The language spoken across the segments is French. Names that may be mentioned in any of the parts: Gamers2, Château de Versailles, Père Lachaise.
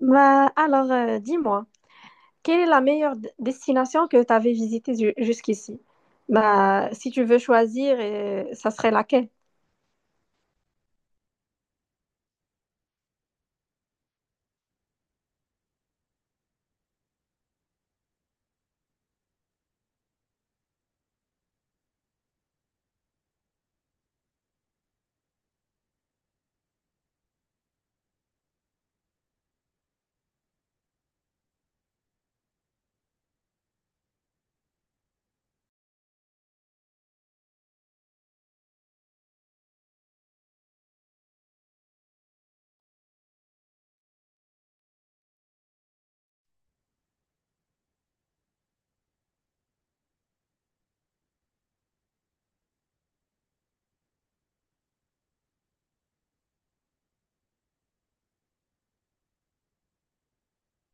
Dis-moi, quelle est la meilleure destination que tu avais visitée jusqu'ici? Bah, si tu veux choisir, ça serait laquelle?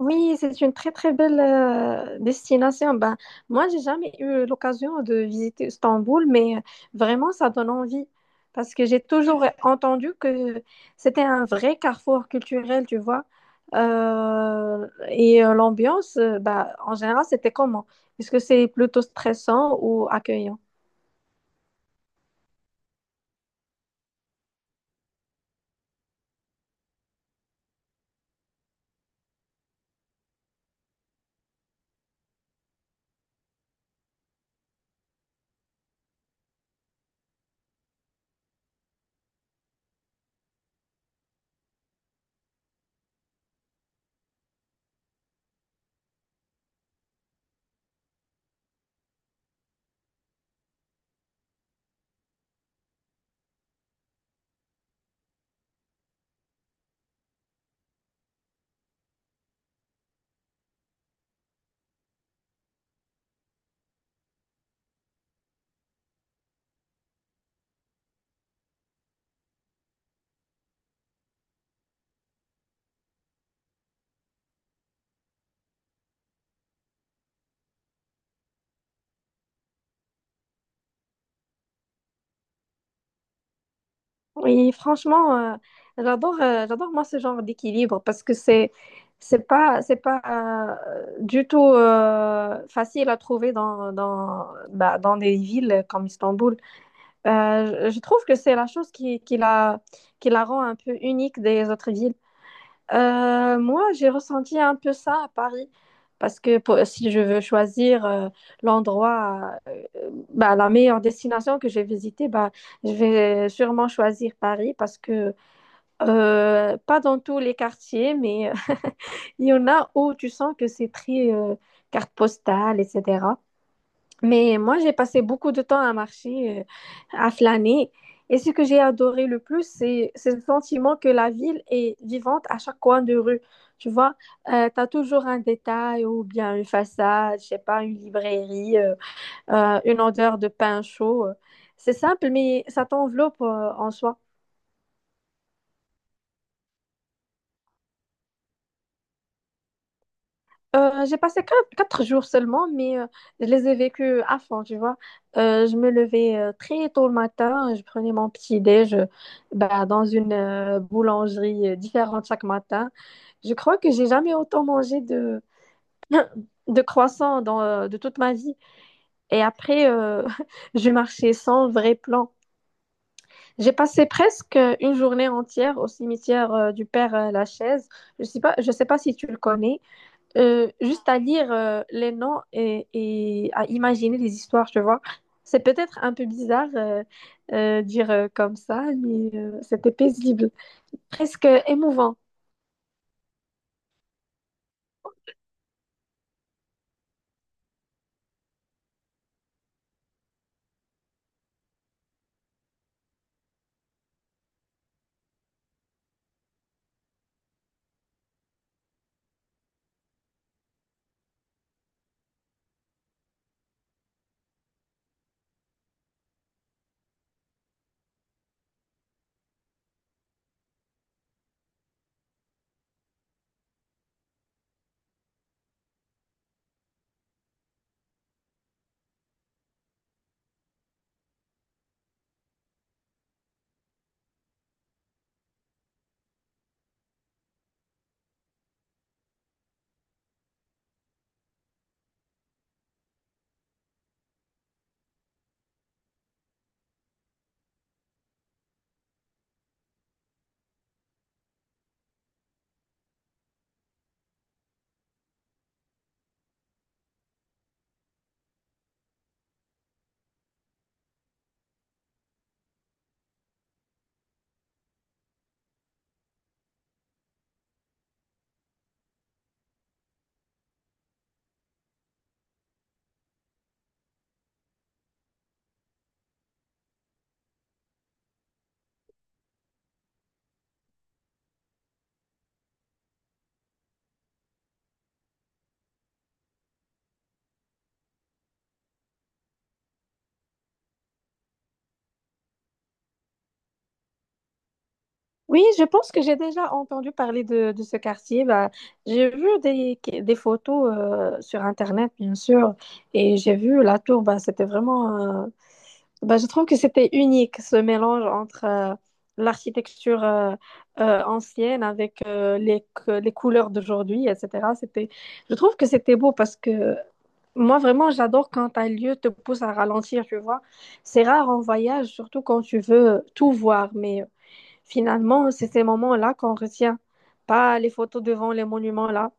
Oui, c'est une très très belle destination. Ben, moi, j'ai jamais eu l'occasion de visiter Istanbul, mais vraiment, ça donne envie parce que j'ai toujours entendu que c'était un vrai carrefour culturel, tu vois. L'ambiance, bah, en général, c'était comment? Est-ce que c'est plutôt stressant ou accueillant? Oui, franchement, j'adore, j'adore moi ce genre d'équilibre parce que c'est pas du tout facile à trouver bah, dans des villes comme Istanbul. Je trouve que c'est la chose qui la rend un peu unique des autres villes. Moi, j'ai ressenti un peu ça à Paris, parce que si je veux choisir l'endroit, bah, la meilleure destination que j'ai visitée, bah, je vais sûrement choisir Paris, parce que pas dans tous les quartiers, mais il y en a où tu sens que c'est très carte postale, etc. Mais moi, j'ai passé beaucoup de temps à marcher, à flâner. Et ce que j'ai adoré le plus, c'est le sentiment que la ville est vivante à chaque coin de rue. Tu vois, tu as toujours un détail ou bien une façade, je sais pas, une librairie, une odeur de pain chaud. C'est simple, mais ça t'enveloppe, en soi. J'ai passé quatre, jours seulement, mais je les ai vécus à fond, tu vois. Je me levais très tôt le matin, je prenais mon petit déj bah, dans une boulangerie différente chaque matin. Je crois que j'ai jamais autant mangé de croissants de toute ma vie. Et après, je marchais sans vrai plan. J'ai passé presque une journée entière au cimetière du Père Lachaise. Je sais pas si tu le connais juste à lire les noms et à imaginer les histoires, tu vois. C'est peut-être un peu bizarre dire comme ça, mais c'était paisible, presque émouvant. Oui, je pense que j'ai déjà entendu parler de ce quartier. Bah, j'ai vu des photos sur Internet, bien sûr, et j'ai vu la tour. Bah, c'était vraiment. Bah, je trouve que c'était unique ce mélange entre l'architecture ancienne avec les, les couleurs d'aujourd'hui, etc. C'était, je trouve que c'était beau parce que moi vraiment j'adore quand un lieu te pousse à ralentir, tu vois. C'est rare en voyage, surtout quand tu veux tout voir, mais finalement c'est ces moments-là qu'on retient, pas les photos devant les monuments là.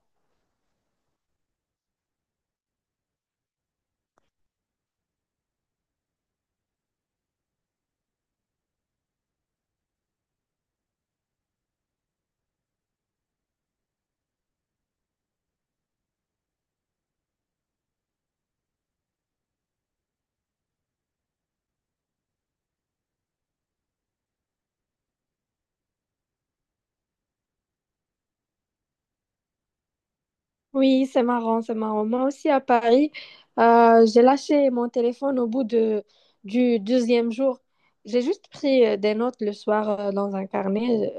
Oui, c'est marrant, c'est marrant. Moi aussi à Paris, j'ai lâché mon téléphone au bout du deuxième jour. J'ai juste pris des notes le soir dans un carnet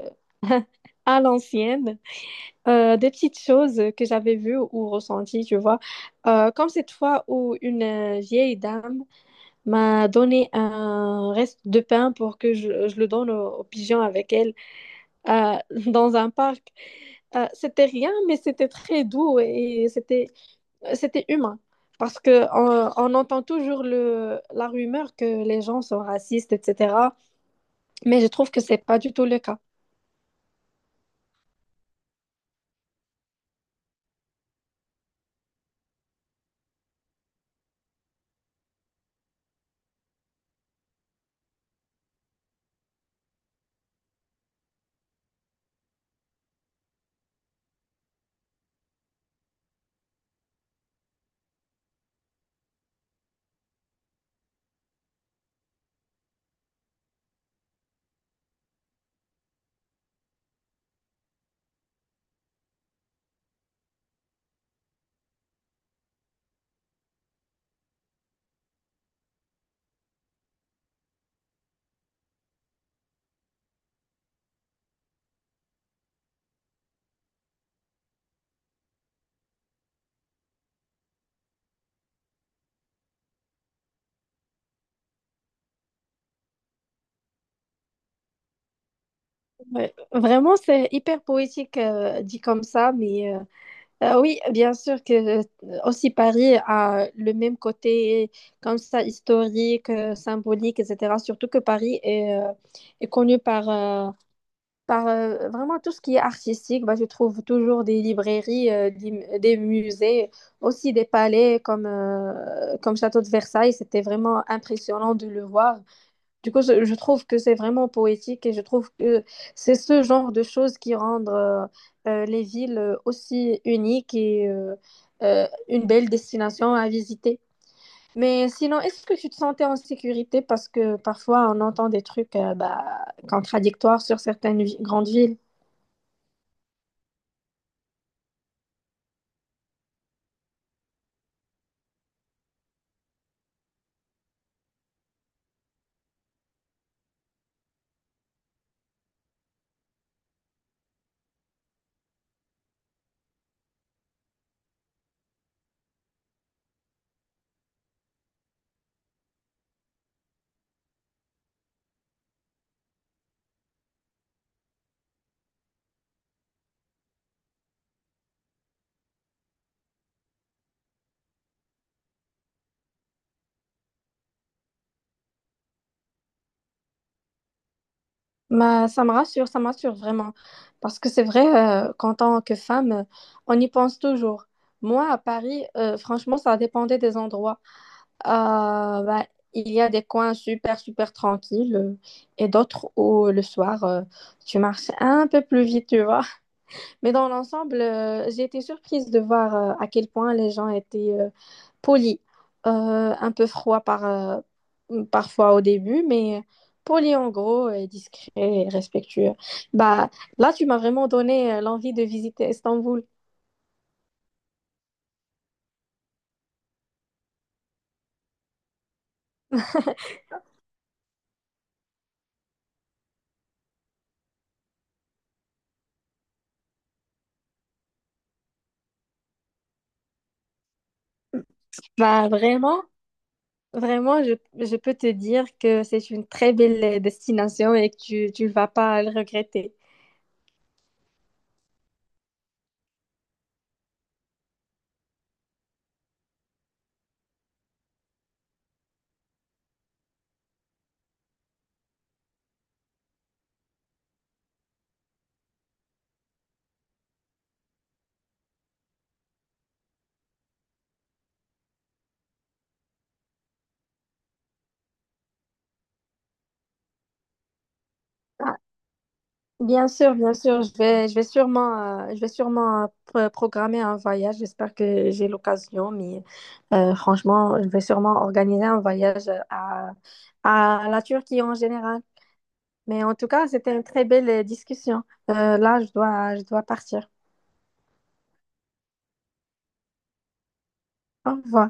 euh, à l'ancienne, des petites choses que j'avais vues ou ressenties, tu vois. Comme cette fois où une vieille dame m'a donné un reste de pain pour que je le donne aux pigeons avec elle euh, dans un parc. C'était rien, mais c'était très doux et c'était humain. Parce que on entend toujours la rumeur que les gens sont racistes, etc. Mais je trouve que c'est pas du tout le cas. Ouais. Vraiment, c'est hyper poétique dit comme ça. Mais oui, bien sûr que aussi Paris a le même côté comme ça historique, symbolique, etc. Surtout que Paris est connu par vraiment tout ce qui est artistique, bah, je trouve toujours des librairies, des musées, aussi des palais comme, comme Château de Versailles. C'était vraiment impressionnant de le voir. Du coup, je trouve que c'est vraiment poétique et je trouve que c'est ce genre de choses qui rendent les villes aussi uniques et une belle destination à visiter. Mais sinon, est-ce que tu te sentais en sécurité? Parce que parfois, on entend des trucs bah, contradictoires sur certaines grandes villes. Mais ça me rassure vraiment. Parce que c'est vrai qu'en tant que femme, on y pense toujours. Moi, à Paris, franchement, ça dépendait des endroits. Euh, bah, il y a des coins super, super tranquilles et d'autres où le soir, tu marches un peu plus vite, tu vois. Mais dans l'ensemble, j'ai été surprise de voir à quel point les gens étaient poli, un peu froid parfois au début, mais poli en gros, et discret et respectueux. Bah, là, tu m'as vraiment donné l'envie de visiter Istanbul. Bah, vraiment, vraiment, je peux te dire que c'est une très belle destination et que tu ne vas pas le regretter. Bah, bien sûr, bien sûr, je vais sûrement programmer un voyage. J'espère que j'ai l'occasion, mais franchement, je vais sûrement organiser un voyage à la Turquie en général. Mais en tout cas, c'était une très belle discussion. Là, je dois partir. Au revoir.